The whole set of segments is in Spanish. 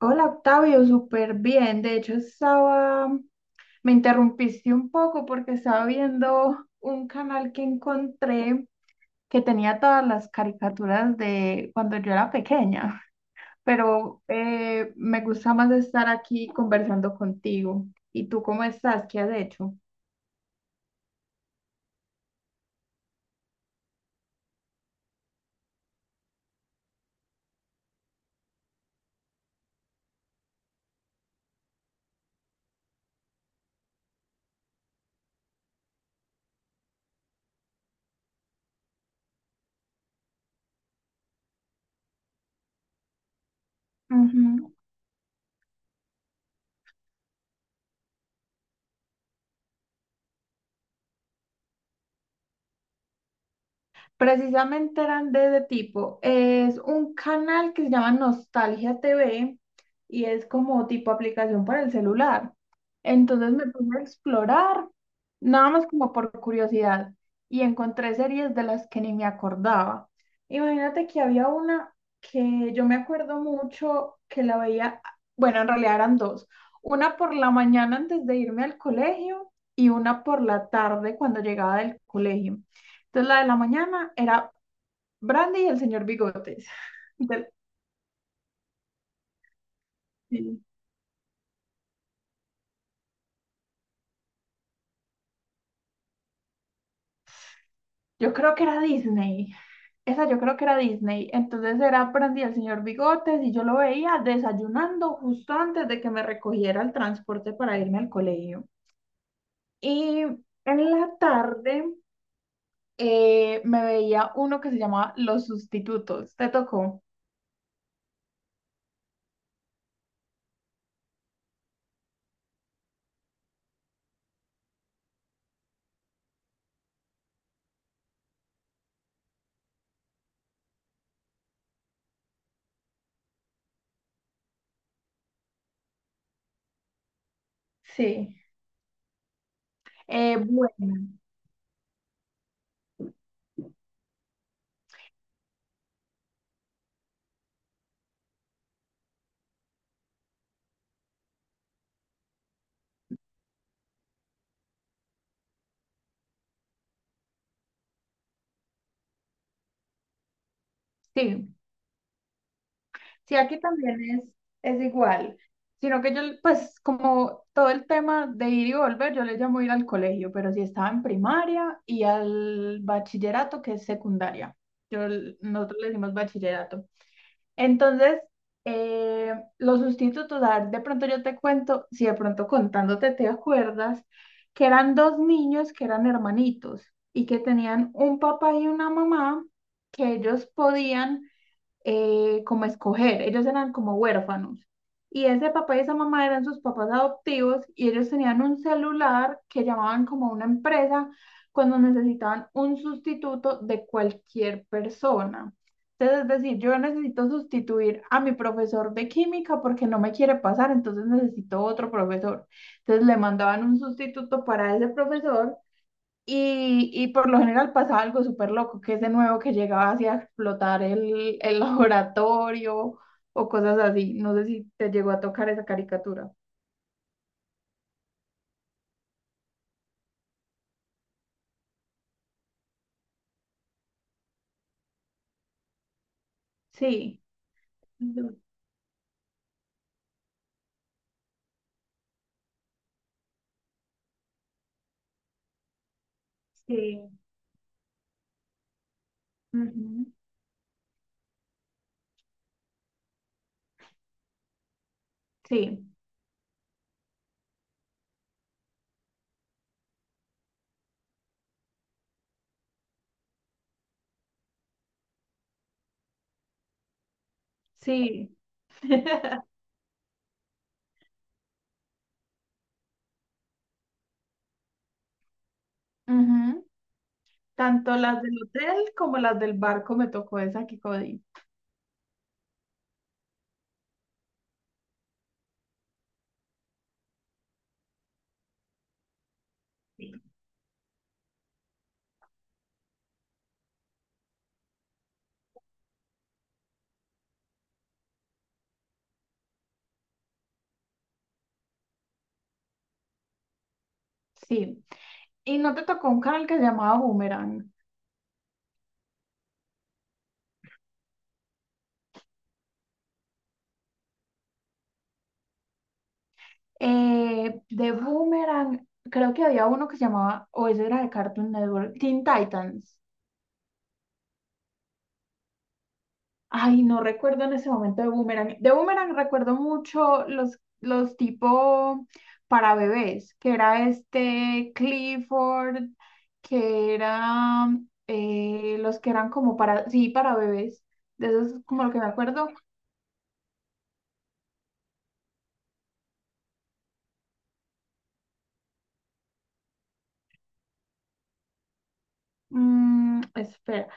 Hola Octavio, súper bien. De hecho, estaba, me interrumpiste un poco porque estaba viendo un canal que encontré que tenía todas las caricaturas de cuando yo era pequeña, pero me gusta más estar aquí conversando contigo. ¿Y tú cómo estás? ¿Qué has hecho? Precisamente eran de ese tipo. Es un canal que se llama Nostalgia TV y es como tipo aplicación para el celular. Entonces me puse a explorar, nada más como por curiosidad, y encontré series de las que ni me acordaba. Imagínate que había una que yo me acuerdo mucho que la veía, bueno, en realidad eran dos. Una por la mañana antes de irme al colegio y una por la tarde cuando llegaba del colegio. Entonces la de la mañana era Brandy y el señor Bigotes. Del- sí. Yo creo que era Disney. Esa yo creo que era Disney. Entonces era Brandy y el señor Bigotes y yo lo veía desayunando justo antes de que me recogiera el transporte para irme al colegio. Y en la tarde me veía uno que se llamaba Los Sustitutos. ¿Te tocó? Sí. Bueno. Sí, sí, aquí también es igual, sino que yo, pues como todo el tema de ir y volver, yo le llamo ir al colegio, pero sí estaba en primaria y al bachillerato, que es secundaria. Yo, Nosotros le decimos bachillerato. Entonces, eh, los sustitutos, a ver, de pronto yo te cuento, si de pronto contándote te acuerdas, que eran dos niños que eran hermanitos y que tenían un papá y una mamá que ellos podían como escoger. Ellos eran como huérfanos. Y ese papá y esa mamá eran sus papás adoptivos y ellos tenían un celular que llamaban como una empresa cuando necesitaban un sustituto de cualquier persona. Entonces, es decir, yo necesito sustituir a mi profesor de química porque no me quiere pasar, entonces necesito otro profesor. Entonces le mandaban un sustituto para ese profesor y por lo general pasa algo súper loco, que es de nuevo que llegaba así a explotar el laboratorio o cosas así. No sé si te llegó a tocar esa caricatura. Sí. Ujú. Sí, ujú, sí, sí. Ujú. Tanto las del hotel como las del barco me tocó esa Kikodi. Sí. Y no te tocó un canal que se llamaba Boomerang. De Boomerang, creo que había uno que se llamaba, o ese era de Cartoon Network, Teen Titans. Ay, no recuerdo en ese momento de Boomerang. De Boomerang recuerdo mucho los tipo para bebés, que era este Clifford, que era los que eran como para, sí, para bebés. De eso es como lo que me acuerdo. Espera.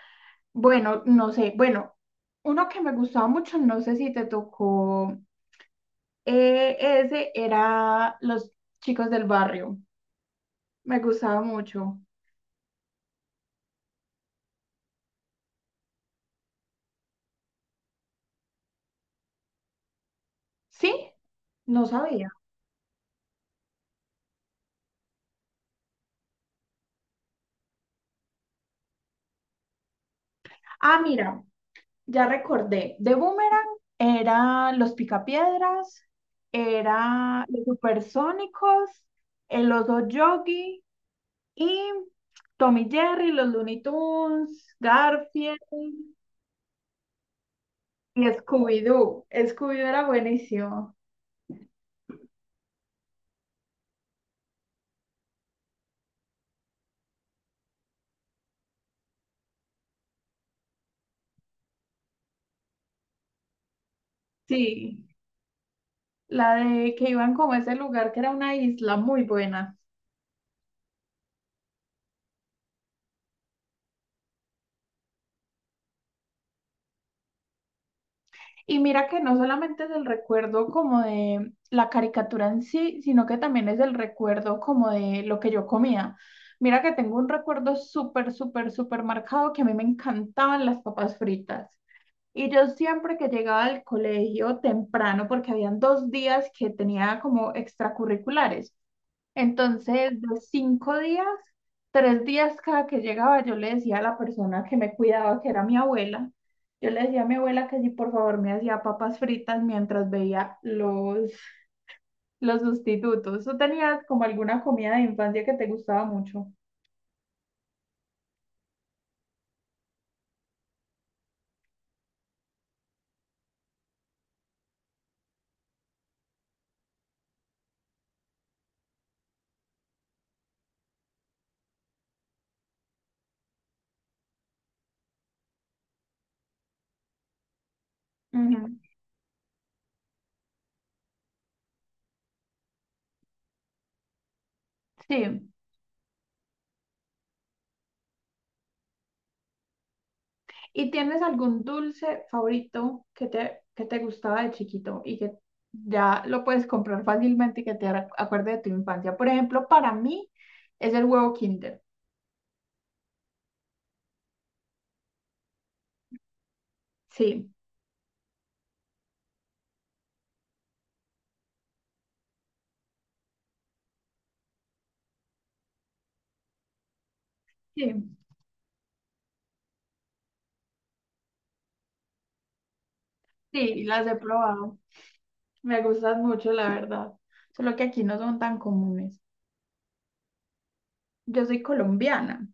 Bueno, no sé. Bueno, uno que me gustaba mucho, no sé si te tocó, ese era Los Chicos del Barrio. Me gustaba mucho. ¿Sí? No sabía. Ah, mira, ya recordé. De Boomerang eran los Picapiedras, eran los Supersónicos, el Oso Yogi y Tommy Jerry, los Looney Tunes, Garfield y Scooby-Doo. Scooby-Doo era buenísimo. Sí, la de que iban como a ese lugar que era una isla muy buena. Y mira que no solamente es el recuerdo como de la caricatura en sí, sino que también es el recuerdo como de lo que yo comía. Mira que tengo un recuerdo súper, súper, súper marcado que a mí me encantaban las papas fritas. Y yo siempre que llegaba al colegio temprano, porque habían 2 días que tenía como extracurriculares, entonces, de 5 días, 3 días cada que llegaba, yo le decía a la persona que me cuidaba, que era mi abuela, yo le decía a mi abuela que si por favor me hacía papas fritas mientras veía los sustitutos. ¿Tú tenías como alguna comida de infancia que te gustaba mucho? Ujú. Sí. ¿Y tienes algún dulce favorito que te gustaba de chiquito y que ya lo puedes comprar fácilmente y que te acuerde de tu infancia? Por ejemplo, para mí es el huevo Kinder. Sí, sí, sí, las he probado. Me gustan mucho, la verdad. Solo que aquí no son tan comunes. Yo soy colombiana,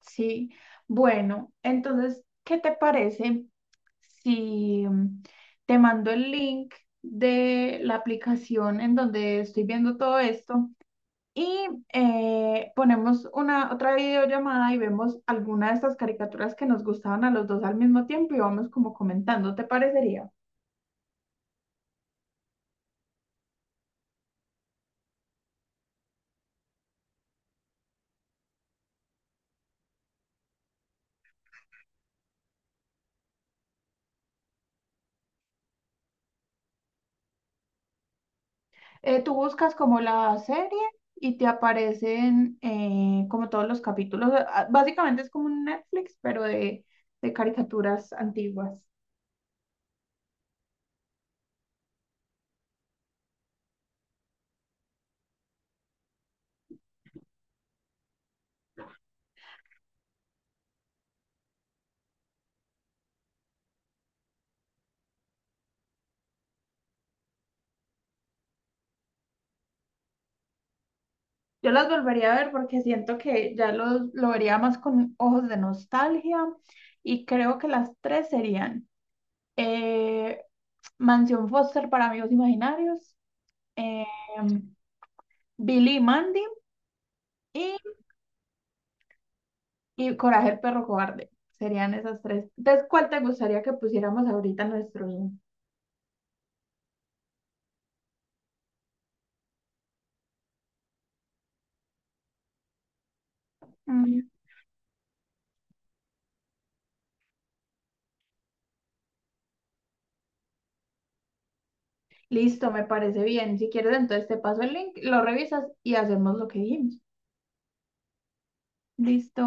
sí. Bueno, entonces, ¿qué te parece si te mando el link de la aplicación en donde estoy viendo todo esto y ponemos una otra videollamada y vemos alguna de estas caricaturas que nos gustaban a los dos al mismo tiempo y vamos como comentando, ¿te parecería? Tú buscas como la serie y te aparecen como todos los capítulos. Ah, básicamente es como un Netflix, pero de caricaturas antiguas. Yo las volvería a ver porque siento que ya lo vería más con ojos de nostalgia y creo que las tres serían eh, Mansión Foster para Amigos Imaginarios, eh, Billy y Mandy y, y Coraje el Perro Cobarde. Serían esas tres. Entonces, ¿cuál te gustaría que pusiéramos ahorita en nuestros. Mm, Listo, me parece bien. Si quieres, entonces te paso el link, lo revisas y hacemos lo que dijimos. Listo.